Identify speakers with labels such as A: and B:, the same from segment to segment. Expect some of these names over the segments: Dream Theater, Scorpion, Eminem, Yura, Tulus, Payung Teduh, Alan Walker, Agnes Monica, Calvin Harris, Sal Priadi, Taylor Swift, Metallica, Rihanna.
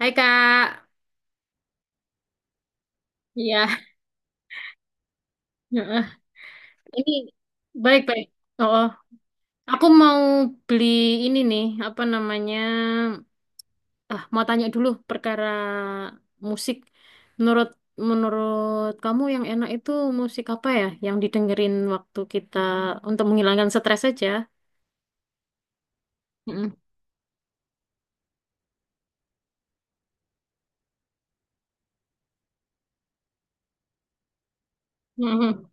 A: Hai Kak, iya, heeh. ini baik-baik. Oh, oh. aku mau beli ini nih, apa namanya? Ah, mau tanya dulu perkara musik. Menurut menurut kamu yang enak itu musik apa ya? Yang didengerin waktu kita untuk menghilangkan stres aja? Mm-mm. Mm-mm.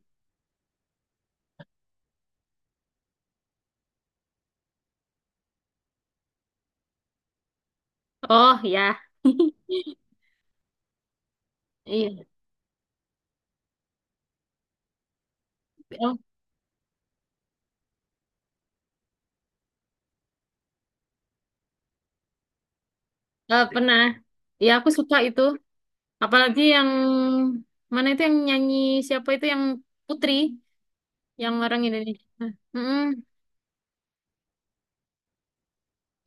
A: Oh ya, iya, oh, pernah. Ya aku suka itu, apalagi yang mana itu yang nyanyi siapa itu yang Putri. Yang orang Indonesia. Nah, Mm-mm.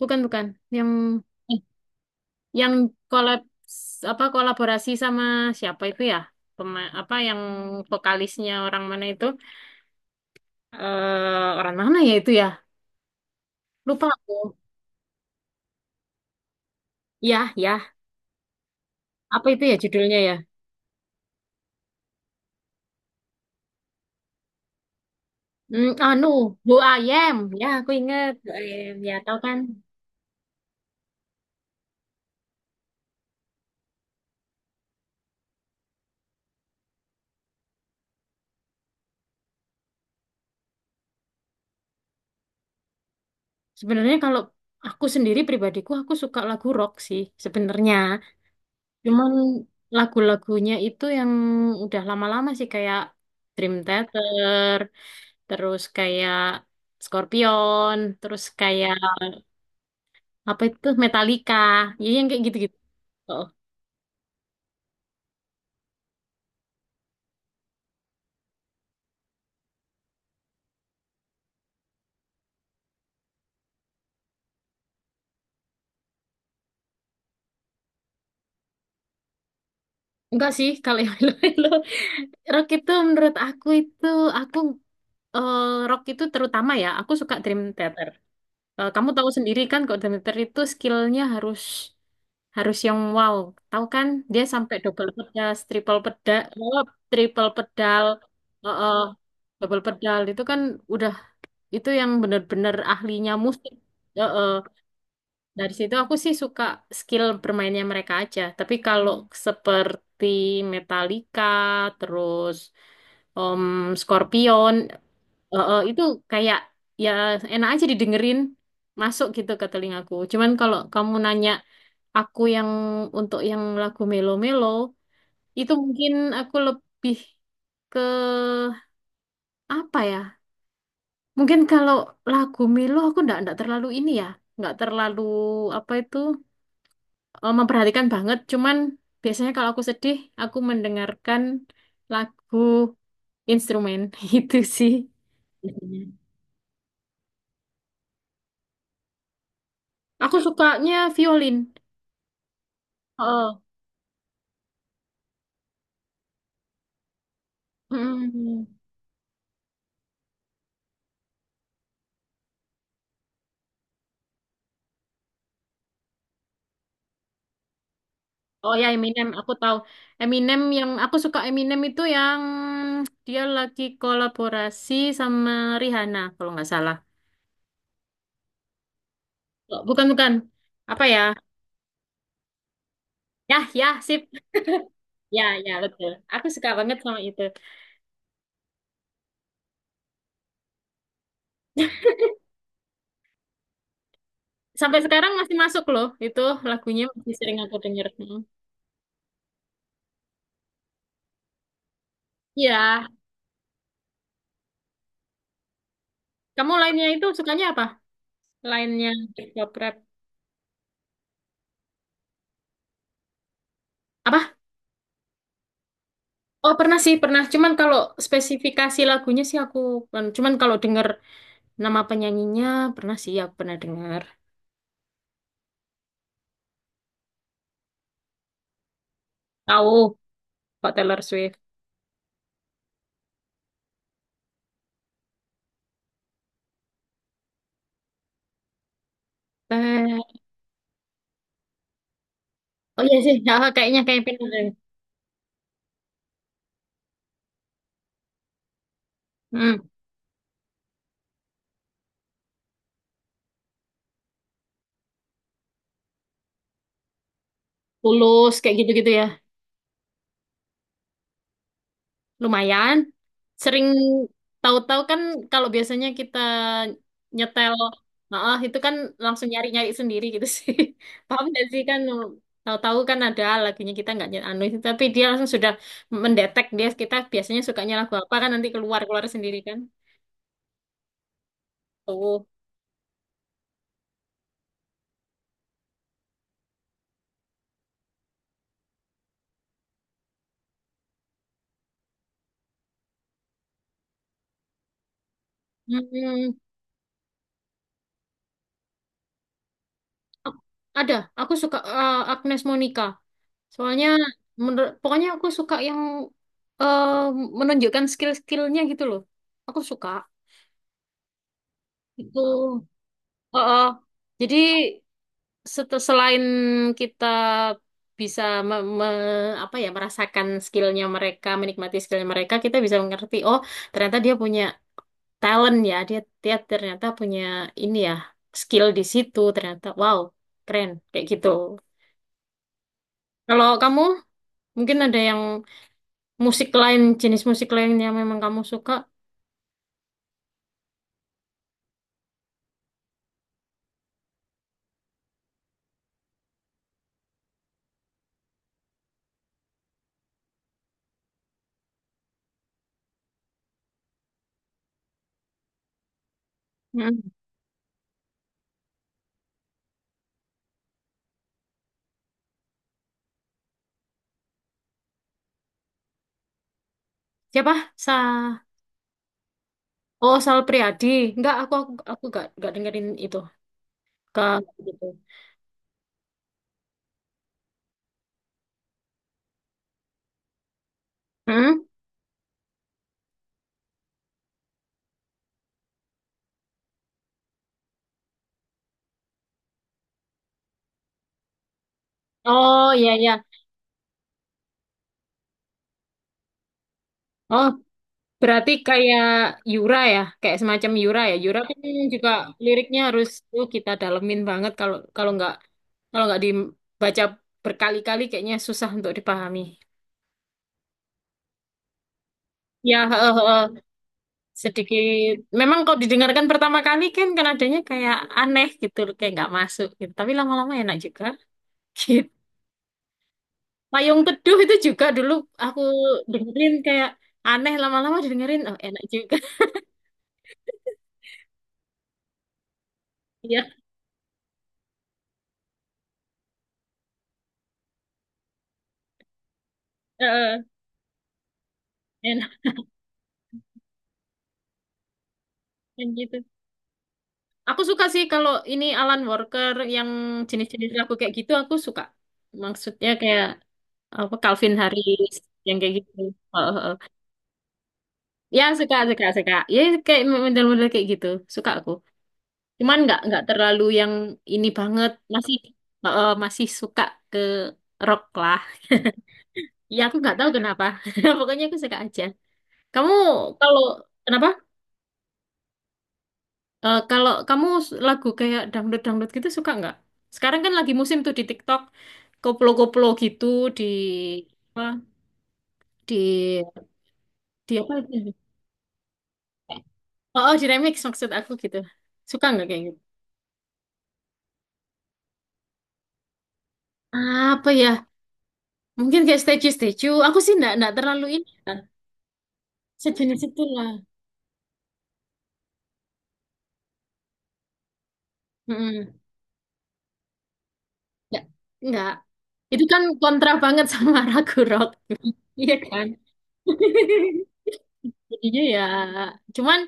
A: Bukan bukan yang eh, yang kolab apa kolaborasi sama siapa itu ya? Apa yang vokalisnya orang mana itu? Orang mana ya itu ya? Lupa aku. Ya, ya. Apa itu ya judulnya ya? Anu, Who I Am. Ya, aku inget. Who I Am. Ya, tahu kan? Sebenarnya kalau aku sendiri pribadiku aku suka lagu rock sih sebenarnya. Cuman lagu-lagunya itu yang udah lama-lama sih kayak Dream Theater, terus kayak Scorpion, terus kayak apa itu Metallica, ya yang kayak gitu-gitu. Oh, enggak sih kalau yang lo rock itu menurut aku itu aku eh, rock itu terutama ya aku suka Dream Theater. Eh, kamu tahu sendiri kan kalau Dream Theater itu skillnya harus harus yang wow. Tahu kan dia sampai double pedas, triple pedal, eh, eh, double pedal itu kan udah itu yang bener-bener ahlinya musik. Eh, eh. Dari situ aku sih suka skill bermainnya mereka aja. Tapi kalau seperti Metallica, terus Om Scorpion, itu kayak ya enak aja didengerin, masuk gitu ke telingaku. Cuman kalau kamu nanya aku yang untuk yang lagu melo-melo itu mungkin aku lebih ke apa ya? Mungkin kalau lagu melo aku ndak ndak terlalu ini ya, nggak terlalu apa itu memperhatikan banget. Cuman biasanya kalau aku sedih, aku mendengarkan lagu instrumen itu sih. Biasanya. Aku sukanya violin. Oh. Oh ya Eminem, aku tahu. Eminem yang aku suka Eminem itu yang dia lagi kolaborasi sama Rihanna kalau nggak salah. Oh, bukan bukan. Apa ya? Ya ya sip. Ya ya betul. Aku suka banget sama itu. Sampai sekarang masih masuk loh itu lagunya masih sering aku denger. Mm. Iya. Kamu lainnya itu sukanya apa? Lainnya hip-hop rap. Apa? Oh pernah sih pernah. Cuman kalau spesifikasi lagunya sih aku cuman kalau denger nama penyanyinya pernah sih aku pernah dengar. Tahu Kak Taylor Swift. Eh, oh iya sih, ya, kayaknya kayak pernah deh. Hmm, Tulus kayak gitu-gitu ya. Lumayan. Sering tahu-tahu kan kalau biasanya kita nyetel, nah itu kan langsung nyari-nyari sendiri gitu sih. Paham nggak sih kan tahu-tahu kan ada lagunya kita nggak anu itu, tapi dia langsung sudah mendetek dia kita biasanya sukanya lagu apa kan nanti keluar-keluar sendiri kan. Tuh. Hmm, hmm. ada. Aku suka Agnes Monica. Soalnya menurut pokoknya aku suka yang eh, menunjukkan skill-skillnya gitu loh. Aku suka itu. Oh, oh. Jadi selain kita bisa apa ya merasakan skillnya mereka, menikmati skillnya mereka, kita bisa mengerti. Oh, ternyata dia punya talent ya. Dia dia ternyata punya ini ya skill di situ. Ternyata wow keren kayak gitu. Kalau kamu mungkin ada yang musik lain, jenis musik lain yang memang kamu suka. Mm. Siapa? Sa Oh, Sal Priadi. Enggak, aku enggak dengerin itu. Ke gitu. Hmm? Oh, iya iya. Oh, berarti kayak Yura ya, kayak semacam Yura ya. Yura kan juga liriknya harus tuh kita dalemin banget kalau kalau enggak dibaca berkali-kali kayaknya susah untuk dipahami. Ya, heeh, heeh. sedikit memang kalau didengarkan pertama kali kan nadanya kayak aneh gitu kayak nggak masuk gitu tapi lama-lama enak juga gitu Payung Teduh itu juga dulu aku dengerin kayak aneh lama-lama dengerin oh enak juga ya heeh, enak kan gitu aku suka sih kalau ini Alan Walker yang jenis-jenis lagu kayak gitu aku suka maksudnya kayak apa Calvin Harris yang kayak gitu Heeh, heeh. ya suka suka suka ya kayak model-model kayak gitu suka aku Cuman nggak terlalu yang ini banget, masih suka ke rock lah. Ya aku nggak tahu kenapa. Pokoknya aku suka aja. Kamu kalau kenapa? Kalau kamu lagu kayak dangdut-dangdut gitu suka nggak? Sekarang kan lagi musim tuh di TikTok, koplo-koplo gitu di apa? Di di apa? Itu? Oh, oh, di remix maksud aku gitu. Suka nggak kayak gitu? Apa ya? Mungkin kayak statue-statue. Aku sih nggak terlalu ini kan. Sejenis itulah. Mm-mm. Nggak, nggak. Itu kan kontra banget sama Ragu Rock. Iya kan? Jadinya ya, cuman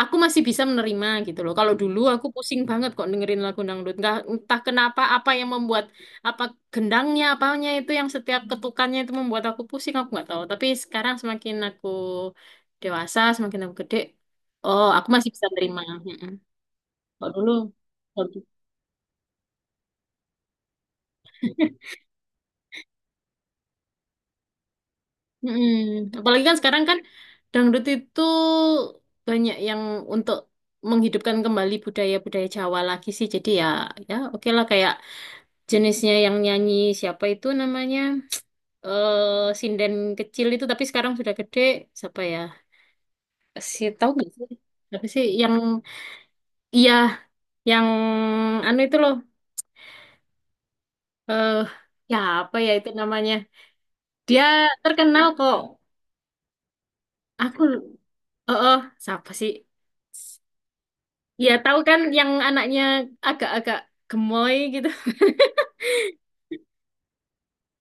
A: aku masih bisa menerima gitu loh. Kalau dulu aku pusing banget kok dengerin lagu dangdut. Nggak, entah kenapa apa yang membuat apa gendangnya, apanya itu yang setiap ketukannya itu membuat aku pusing, aku nggak tahu. Tapi sekarang semakin aku dewasa, semakin aku gede, oh aku masih bisa terima. Mm-mm. Kalau dulu, Mm-mm. Apalagi kan sekarang kan dangdut itu banyak yang untuk menghidupkan kembali budaya-budaya Jawa lagi sih. Jadi ya, ya oke lah kayak jenisnya yang nyanyi siapa itu namanya sinden kecil itu tapi sekarang sudah gede siapa ya? Tahu nggak sih? Tapi sih yang iya yang anu itu loh eh ya apa ya itu namanya? Dia terkenal kok. Aku eh eh, siapa sih? Iya tahu kan yang anaknya agak-agak gemoy gitu.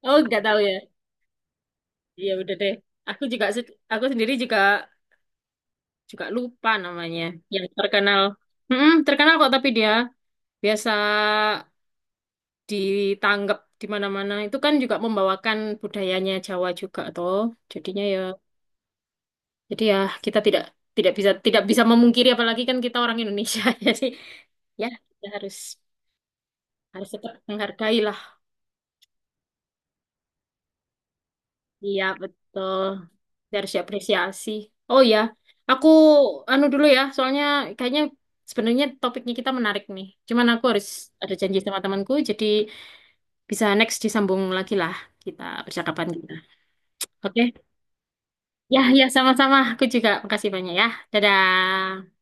A: Oh, nggak tahu ya. Iya, udah deh. Aku juga aku sendiri juga juga lupa namanya. Yang terkenal. Mm-mm, terkenal kok tapi dia biasa ditanggap di mana-mana. Itu kan juga membawakan budayanya Jawa juga toh. Jadinya ya jadi ya kita tidak tidak bisa tidak bisa memungkiri apalagi kan kita orang Indonesia. Jadi ya kita harus harus tetap menghargai lah Iya, betul. Dia harus diapresiasi. Oh ya, aku anu dulu ya, soalnya kayaknya sebenarnya topiknya kita menarik nih. Cuman aku harus ada janji sama temanku, jadi bisa next disambung lagi lah kita percakapan kita. Oke? Ya, ya sama-sama. Aku juga makasih banyak ya. Dadah.